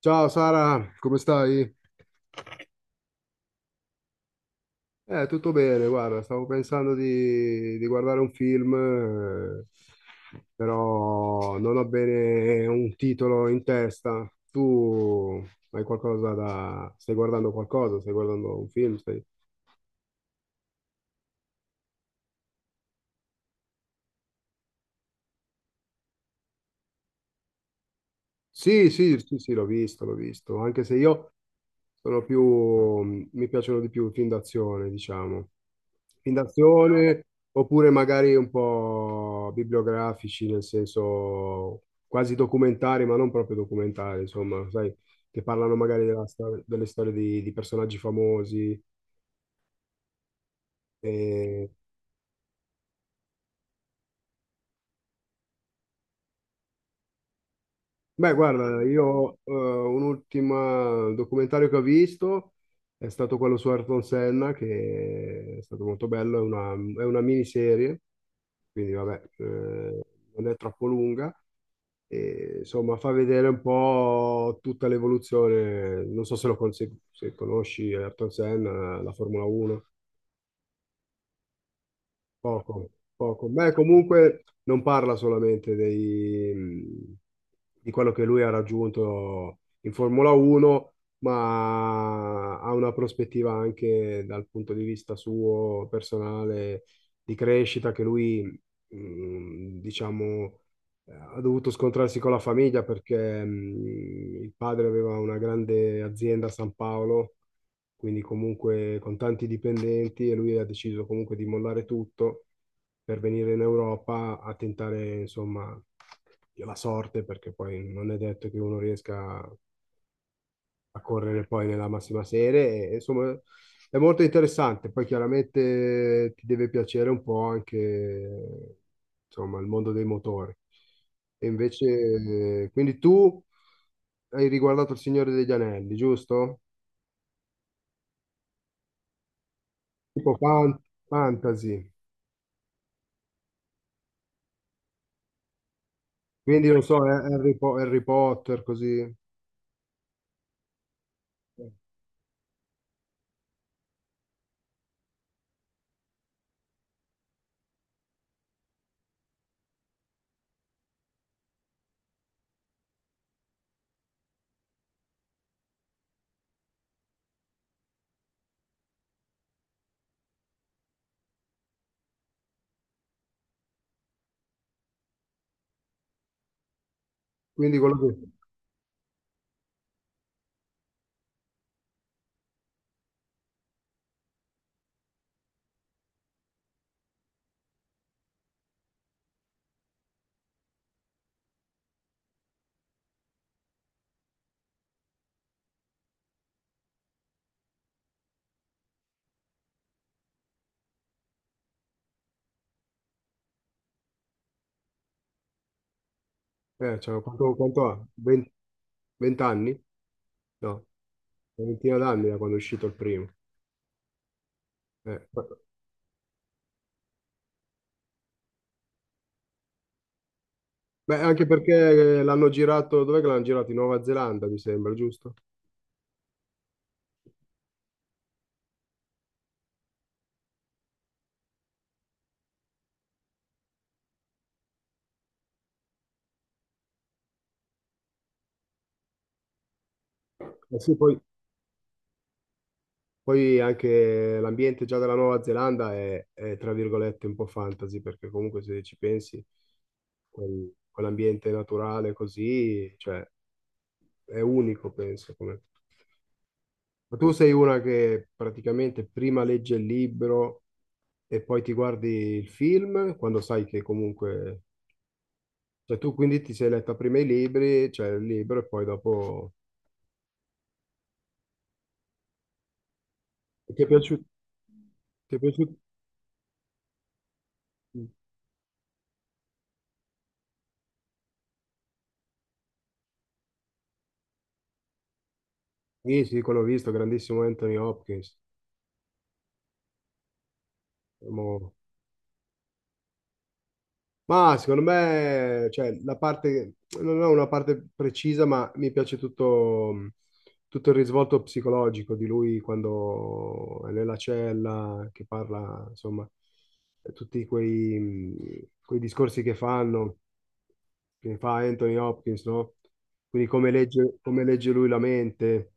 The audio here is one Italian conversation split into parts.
Ciao Sara, come stai? Tutto bene, guarda, stavo pensando di guardare un film, però non ho bene un titolo in testa. Tu hai qualcosa da... Stai guardando qualcosa? Stai guardando un film? Stai... Sì, sì, sì, sì, l'ho visto, anche se io sono più, mi piacciono di più i film d'azione, diciamo. Film d'azione oppure magari un po' bibliografici, nel senso quasi documentari, ma non proprio documentari, insomma, sai, che parlano magari della delle storie di personaggi famosi. E beh, guarda, io un ultimo documentario che ho visto è stato quello su Ayrton Senna, che è stato molto bello, è una miniserie, quindi vabbè, non è troppo lunga, e insomma fa vedere un po' tutta l'evoluzione, non so se lo se conosci Ayrton Senna, la Formula 1. Poco, poco. Beh, comunque non parla solamente di quello che lui ha raggiunto in Formula 1, ma ha una prospettiva anche dal punto di vista suo personale di crescita che lui, diciamo, ha dovuto scontrarsi con la famiglia perché, il padre aveva una grande azienda a San Paolo, quindi comunque con tanti dipendenti, e lui ha deciso comunque di mollare tutto per venire in Europa a tentare, insomma, la sorte, perché poi non è detto che uno riesca a correre poi nella massima serie, e, insomma, è molto interessante. Poi chiaramente ti deve piacere un po' anche, insomma, il mondo dei motori. E invece, quindi tu hai riguardato Il Signore degli Anelli, giusto? Tipo fantasy. Quindi non so, Harry, Harry Potter, così. Quindi quello che... Cioè, quanto ha? 20 anni? No, una ventina d'anni da quando è uscito il primo. Eh, Beh, anche perché l'hanno girato... Dov'è che l'hanno girato? In Nuova Zelanda, mi sembra, giusto? Eh sì, poi anche l'ambiente già della Nuova Zelanda è, tra virgolette, un po' fantasy, perché comunque se ci pensi, quell'ambiente naturale così, cioè, è unico, penso, come... Ma tu sei una che praticamente prima legge il libro e poi ti guardi il film, quando sai che comunque... Cioè tu quindi ti sei letta prima i libri, cioè il libro e poi dopo... E ti è piaciuto? Ti è piaciuto? Sì, sì, quello ho visto, grandissimo Anthony Hopkins. Mo- Ma secondo me, cioè, la parte, non ho una parte precisa, ma mi piace tutto, tutto il risvolto psicologico di lui quando è nella cella, che parla, insomma, tutti quei discorsi che fanno, che fa Anthony Hopkins, no? Quindi come legge lui la mente,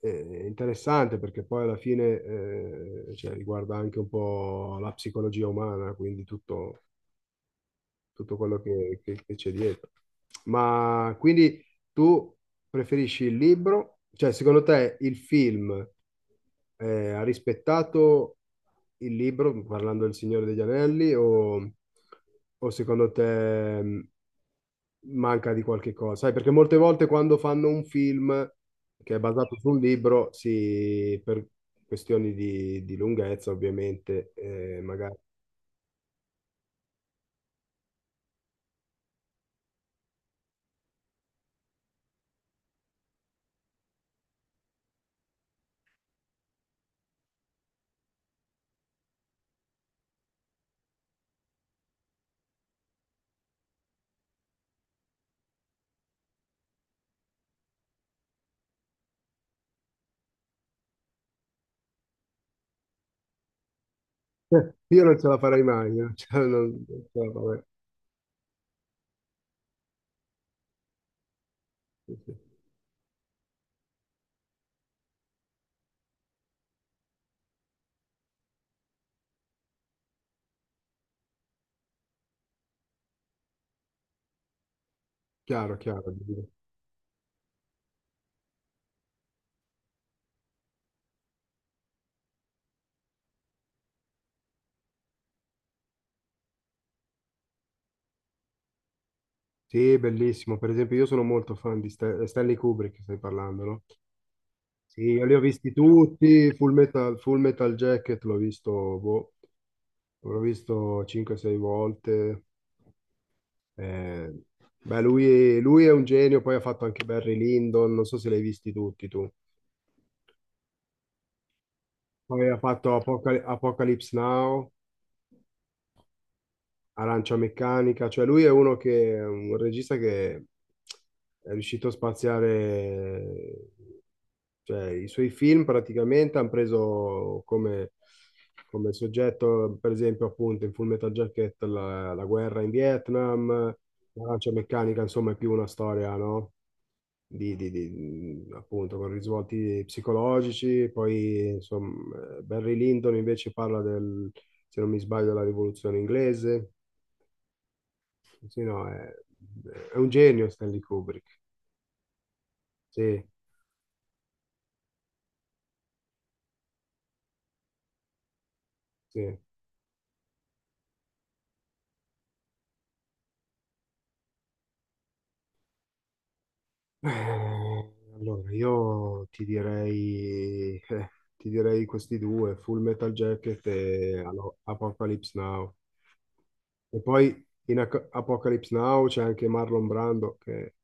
è interessante perché poi alla fine, cioè, riguarda anche un po' la psicologia umana, quindi tutto quello che c'è dietro. Ma quindi tu preferisci il libro? Cioè, secondo te il film ha rispettato il libro, parlando del Signore degli Anelli, o secondo te, manca di qualche cosa? Sai, perché molte volte quando fanno un film che è basato su un libro, si, per questioni di lunghezza, ovviamente, magari. Io non ce la farei mai, io non ce la- non- non ce la- vabbè, sì. Sì. Chiaro, chiaro. Dico. Sì, bellissimo. Per esempio, io sono molto fan di Stanley Kubrick, stai parlando, no? Sì, io li ho visti tutti, Full Metal Jacket l'ho visto, boh, l'ho visto 5-6 volte. Eh, beh, lui è un genio, poi ha fatto anche Barry Lyndon, non so se l'hai visti tutti tu. Poi ha fatto Apocalypse Now. Arancia Meccanica, cioè lui è uno che è un regista che è riuscito a spaziare, cioè i suoi film praticamente hanno preso come, come soggetto, per esempio, appunto in Full Metal Jacket la guerra in Vietnam. L'Arancia Meccanica, insomma, è più una storia, no? Appunto con risvolti psicologici, poi insomma, Barry Lyndon invece parla del, se non mi sbaglio, della rivoluzione inglese. Sì, no, è un genio Stanley Kubrick. Sì, sì. Eh, Allora, io ti direi questi due, Full Metal Jacket e Apocalypse Now. E poi in Apocalypse Now c'è anche Marlon Brando, che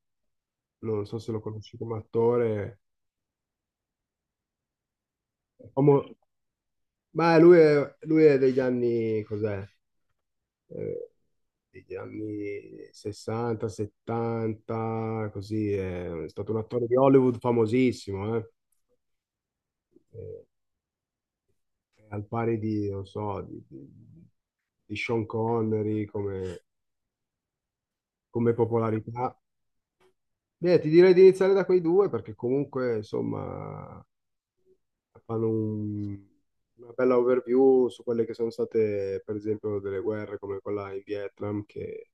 non so se lo conosci come attore. Omo- ma lui è degli anni, cos'è? Eh, degli anni 60, 70, così, è stato un attore di Hollywood famosissimo, eh. Eh, al pari di, non so, di Sean Connery come, come popolarità. Beh, ti direi di iniziare da quei due perché comunque, insomma, fanno una bella overview su quelle che sono state, per esempio, delle guerre come quella in Vietnam, che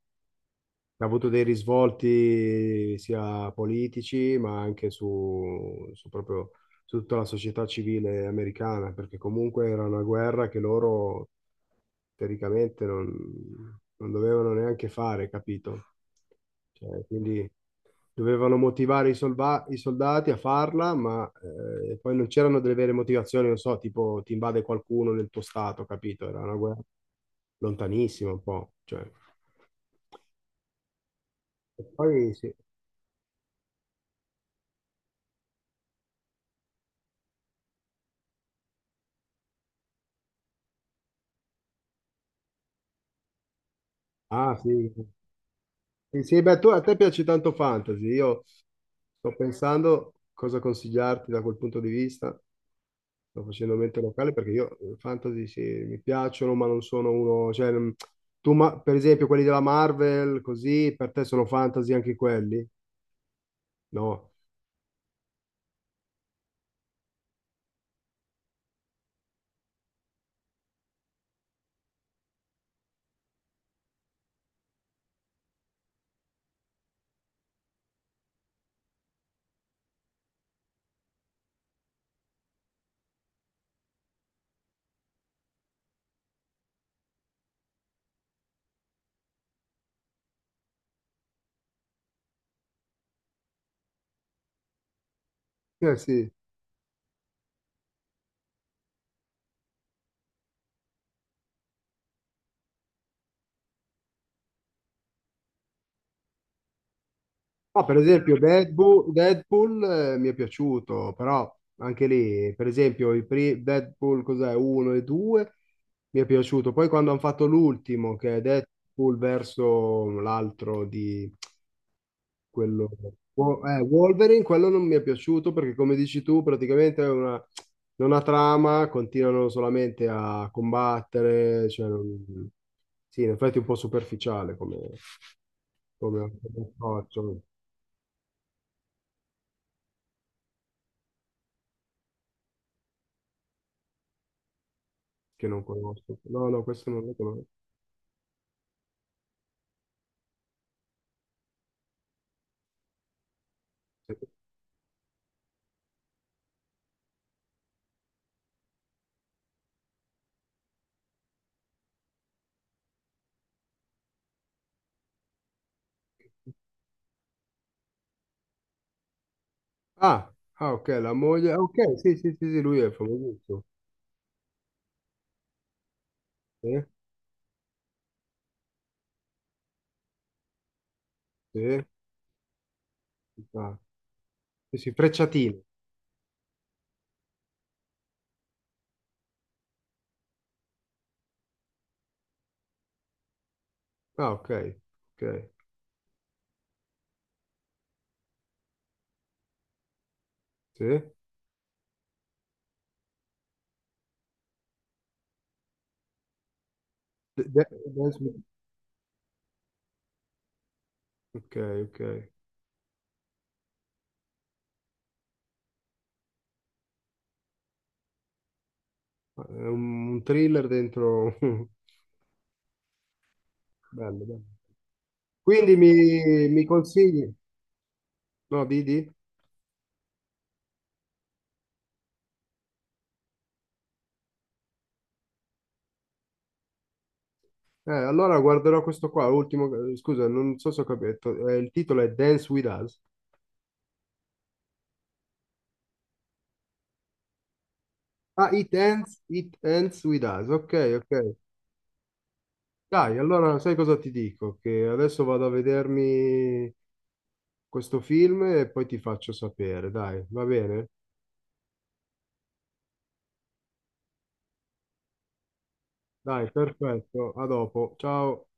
ha avuto dei risvolti sia politici, ma anche su, su proprio su tutta la società civile americana, perché comunque era una guerra che loro teoricamente non dovevano neanche fare, capito? Cioè, quindi dovevano motivare i soldati a farla, ma poi non c'erano delle vere motivazioni, non so, tipo ti invade qualcuno nel tuo stato, capito? Era una guerra lontanissima un po', cioè. E poi sì, ah, sì. Sì, sì, beh, a te piace tanto fantasy. Io sto pensando cosa consigliarti da quel punto di vista. Sto facendo mente locale perché io fantasy sì, mi piacciono, ma non sono uno. Cioè, per esempio, quelli della Marvel, così, per te sono fantasy anche quelli? No. Sì. No, per esempio Deadpool, mi è piaciuto, però anche lì, per esempio, i Deadpool cos'è, 1 e 2 mi è piaciuto. Poi quando hanno fatto l'ultimo, che è Deadpool verso l'altro di quello, Wolverine, quello non mi è piaciuto perché come dici tu, praticamente è una, non ha trama, continuano solamente a combattere, cioè, sì, in effetti è un po' superficiale come approccio. Che non conosco. No, no, questo non lo conosco. Ah, ah, ok, la moglie. Ah, ok, sì, sì, sì, sì, lui è famosissimo. Sì, sì, ah, sì, sì, frecciatino. Ah, ok, ok, sì. De- Dance with- ok, ok. È un thriller dentro... Bello, bello. Quindi mi consigli? No, Didi? Allora guarderò questo qua, l'ultimo... Scusa, non so se ho capito. Il titolo è Dance With Us. Ah, It Ends, It Ends With Us. Ok, ok. Dai, allora sai cosa ti dico? Che adesso vado a vedermi questo film e poi ti faccio sapere. Dai, va bene? Dai, perfetto. A dopo. Ciao.